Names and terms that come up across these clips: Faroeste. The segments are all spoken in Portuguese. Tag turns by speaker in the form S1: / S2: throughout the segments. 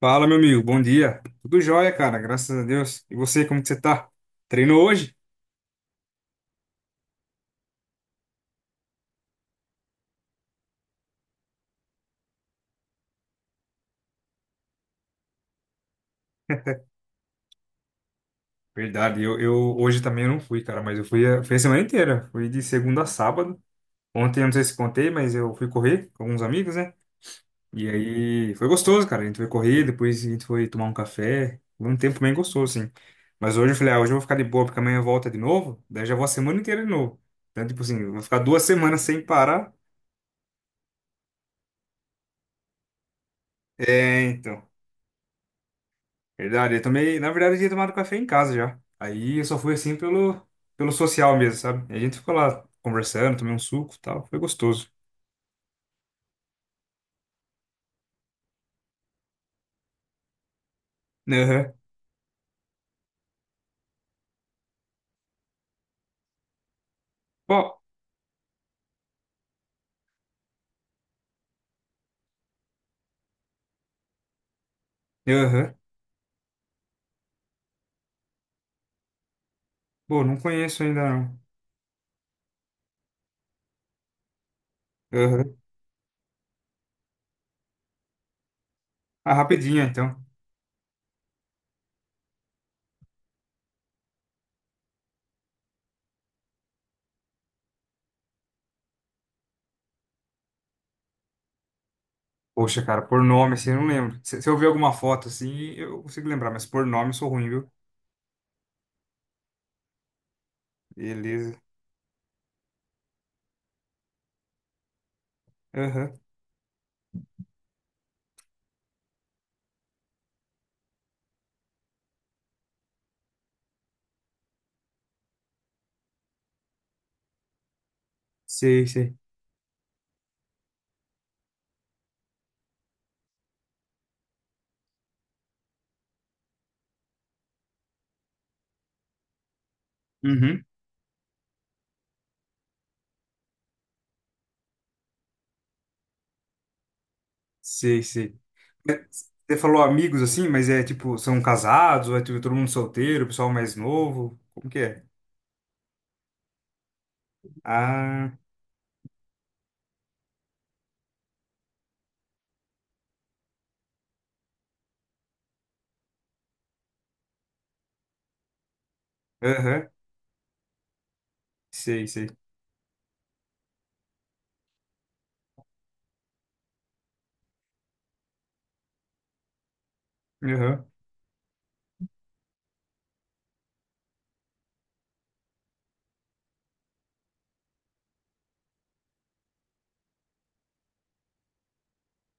S1: Fala, meu amigo, bom dia. Tudo jóia, cara, graças a Deus. E você, como que você tá? Treinou hoje? Verdade, eu hoje também eu não fui, cara, mas fui a semana inteira. Fui de segunda a sábado. Ontem, eu não sei se contei, mas eu fui correr com alguns amigos, né? E aí foi gostoso, cara. A gente foi correr, depois a gente foi tomar um café. Foi um tempo bem gostoso, assim. Mas hoje eu falei, ah, hoje eu vou ficar de boa, porque amanhã volta de novo. Daí já vou a semana inteira de novo. Então, tipo assim, eu vou ficar duas semanas sem parar. É, então. Verdade, eu tomei. Na verdade, eu tinha tomado café em casa já. Aí eu só fui assim pelo social mesmo, sabe? A gente ficou lá conversando, tomei um suco e tal. Foi gostoso. Aham. Bom, aham. Pô, não conheço ainda não. Aham. Ah, rapidinho então. Poxa, cara, por nome assim, eu não lembro. Se eu ver alguma foto assim, eu consigo lembrar, mas por nome eu sou ruim, viu? Beleza. Aham. Sei, sei. Uhum. Sei, sei. Mas Você falou amigos assim, mas é tipo, são casados, ou é tipo, todo mundo solteiro, pessoal mais novo? Como que é? Ah, aham, sei, sei. Aham,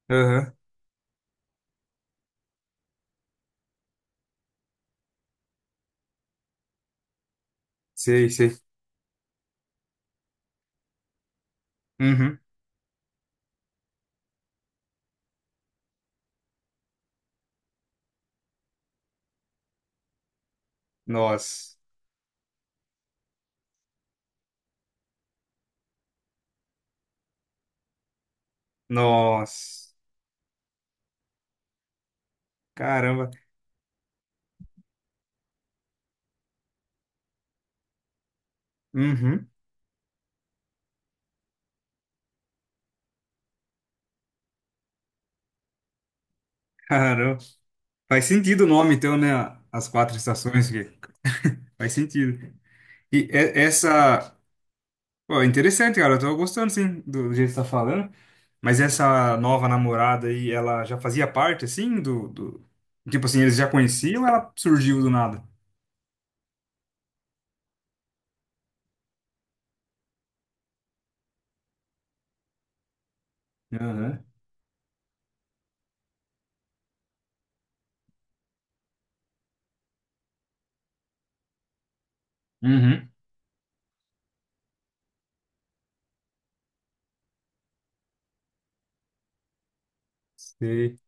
S1: aham, sei, sei. Uhum. Nossa, nossa, caramba. Uhum, caramba. Faz sentido o nome, então, né? As quatro estações que faz sentido. E é- essa, pô, é interessante, cara. Eu tô gostando, sim, do jeito que você tá falando. Mas essa nova namorada aí, ela já fazia parte, assim, do... Tipo assim, eles já conheciam ou ela surgiu do nada? Aham. Uhum. Sei.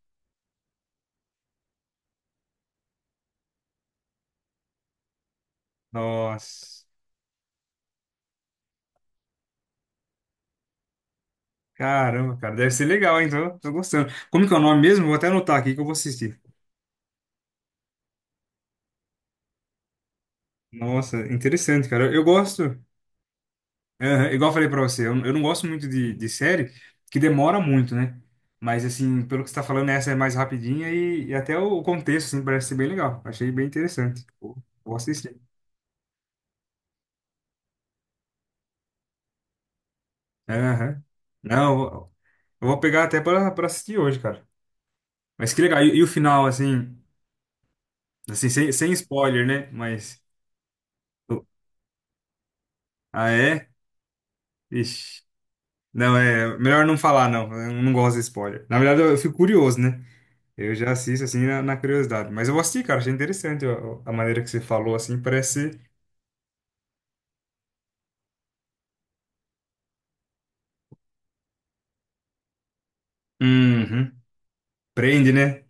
S1: Nossa. Caramba, cara. Deve ser legal, hein? Tô, tô gostando. Como que é o nome mesmo? Vou até anotar aqui que eu vou assistir. Nossa, interessante, cara. Eu gosto... Aham, Igual eu falei pra você, eu não gosto muito de série que demora muito, né? Mas, assim, pelo que você tá falando, essa é mais rapidinha e até o contexto, assim, parece ser bem legal. Achei bem interessante. Vou assistir. Aham. Não, eu vou pegar até pra, pra assistir hoje, cara. Mas que legal. E o final, assim, assim, sem, sem spoiler, né? Mas. Ah, é? Ixi. Não, é. Melhor não falar, não. Eu não gosto de spoiler. Na verdade, eu fico curioso, né? Eu já assisto, assim, na, na curiosidade. Mas eu vou assistir, cara. Achei interessante a maneira que você falou, assim. Parece. Uhum. Prende, né?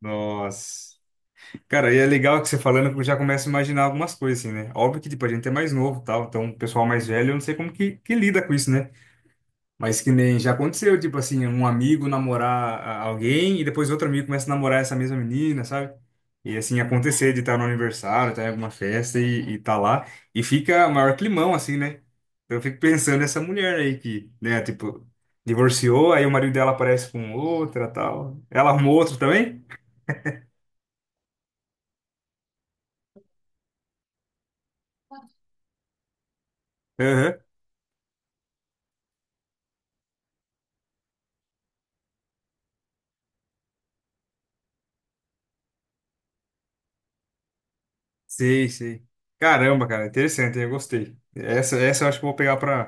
S1: Nossa. Cara, e é legal que você falando que eu já começo a imaginar algumas coisas, assim, né? Óbvio que, tipo, a gente é mais novo, e tal, então o pessoal mais velho, eu não sei que lida com isso, né? Mas que nem já aconteceu, tipo assim, um amigo namorar a- alguém e depois outro amigo começa a namorar essa mesma menina, sabe? E assim, acontecer de estar no aniversário, estar em alguma festa e tá lá, e fica maior climão, assim, né? Então eu fico pensando nessa mulher aí que, né, tipo, divorciou, aí o marido dela aparece com outra, tal. Ela arrumou outro também? Aham. Sei, sei. Caramba, cara, interessante, eu gostei. Essa eu acho que eu vou pegar pra,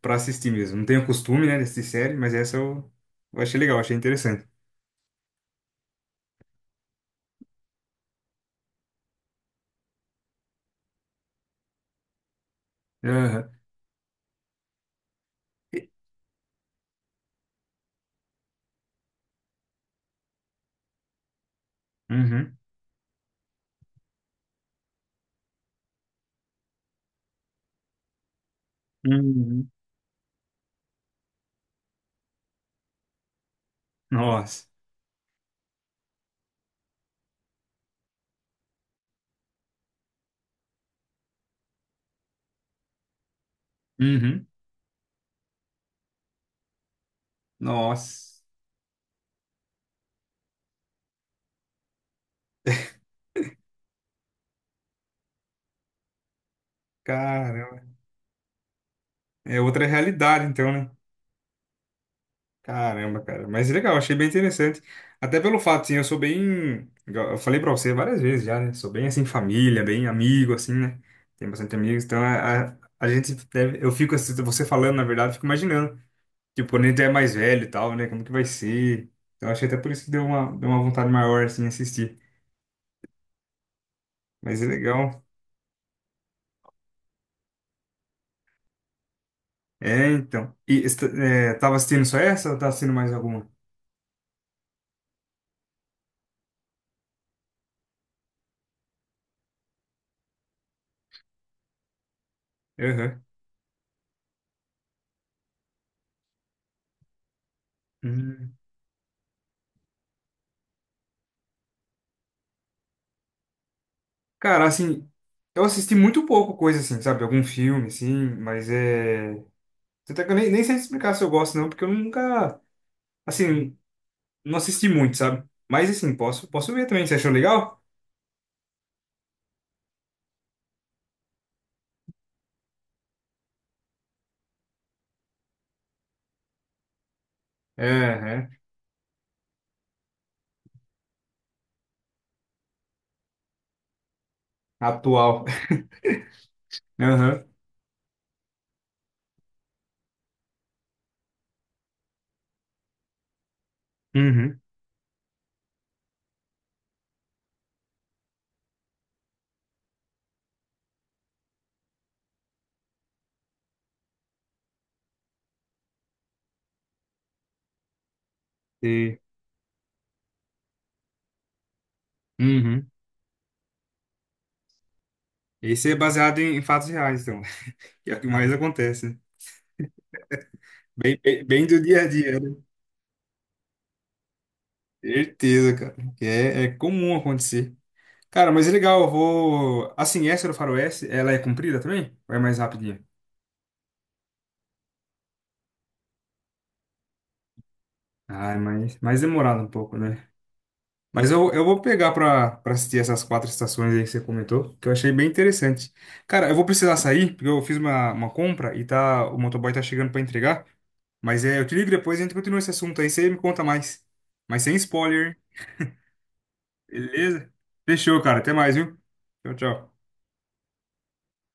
S1: pra assistir mesmo. Não tenho costume, né, de assistir série, mas eu achei legal, achei interessante. Aham. E- uhum. Uhum. Nossa. Uhum. Nossa. Caramba. É outra realidade, então, né? Caramba, cara. Mas legal, achei bem interessante. Até pelo fato, assim, eu sou bem. Igual Eu falei pra você várias vezes já, né? Sou bem, assim, família, bem amigo, assim, né? Tenho bastante amigos. Então, a gente deve. Eu fico, assim, você falando, na verdade, eu fico imaginando. Tipo, quando a gente é mais velho e tal, né? Como que vai ser? Então, achei até por isso que deu uma vontade maior, assim, assistir. Mas é legal. É, então. E esta- é, tava assistindo só essa ou tá assistindo mais alguma? Aham. Hum. Cara, assim, eu assisti muito pouco coisa assim, sabe? Algum filme, assim, mas é. Até que eu nem sei explicar se eu gosto, não, porque eu nunca, assim, não assisti muito, sabe? Mas assim, posso ver também. Você achou legal? É, é. Atual. Aham. Uhum. E, uhum. Esse é baseado em fatos reais, então. Que é o que mais acontece, né? Bem, bem bem do dia a dia, né? Certeza, cara. Que é comum acontecer. Cara, mas é legal, eu vou. Assim, essa do Faroeste, ela é comprida também? Ou é mais rapidinha? Ai, mas mais demorado um pouco, né? Mas eu vou pegar pra, pra assistir essas quatro estações aí que você comentou, que eu achei bem interessante. Cara, eu vou precisar sair, porque eu fiz uma compra e tá, o motoboy tá chegando pra entregar. Mas é, eu te ligo depois e a gente continua esse assunto aí, você me conta mais. Mas sem spoiler, beleza? Fechou, cara. Até mais, viu? Tchau, tchau.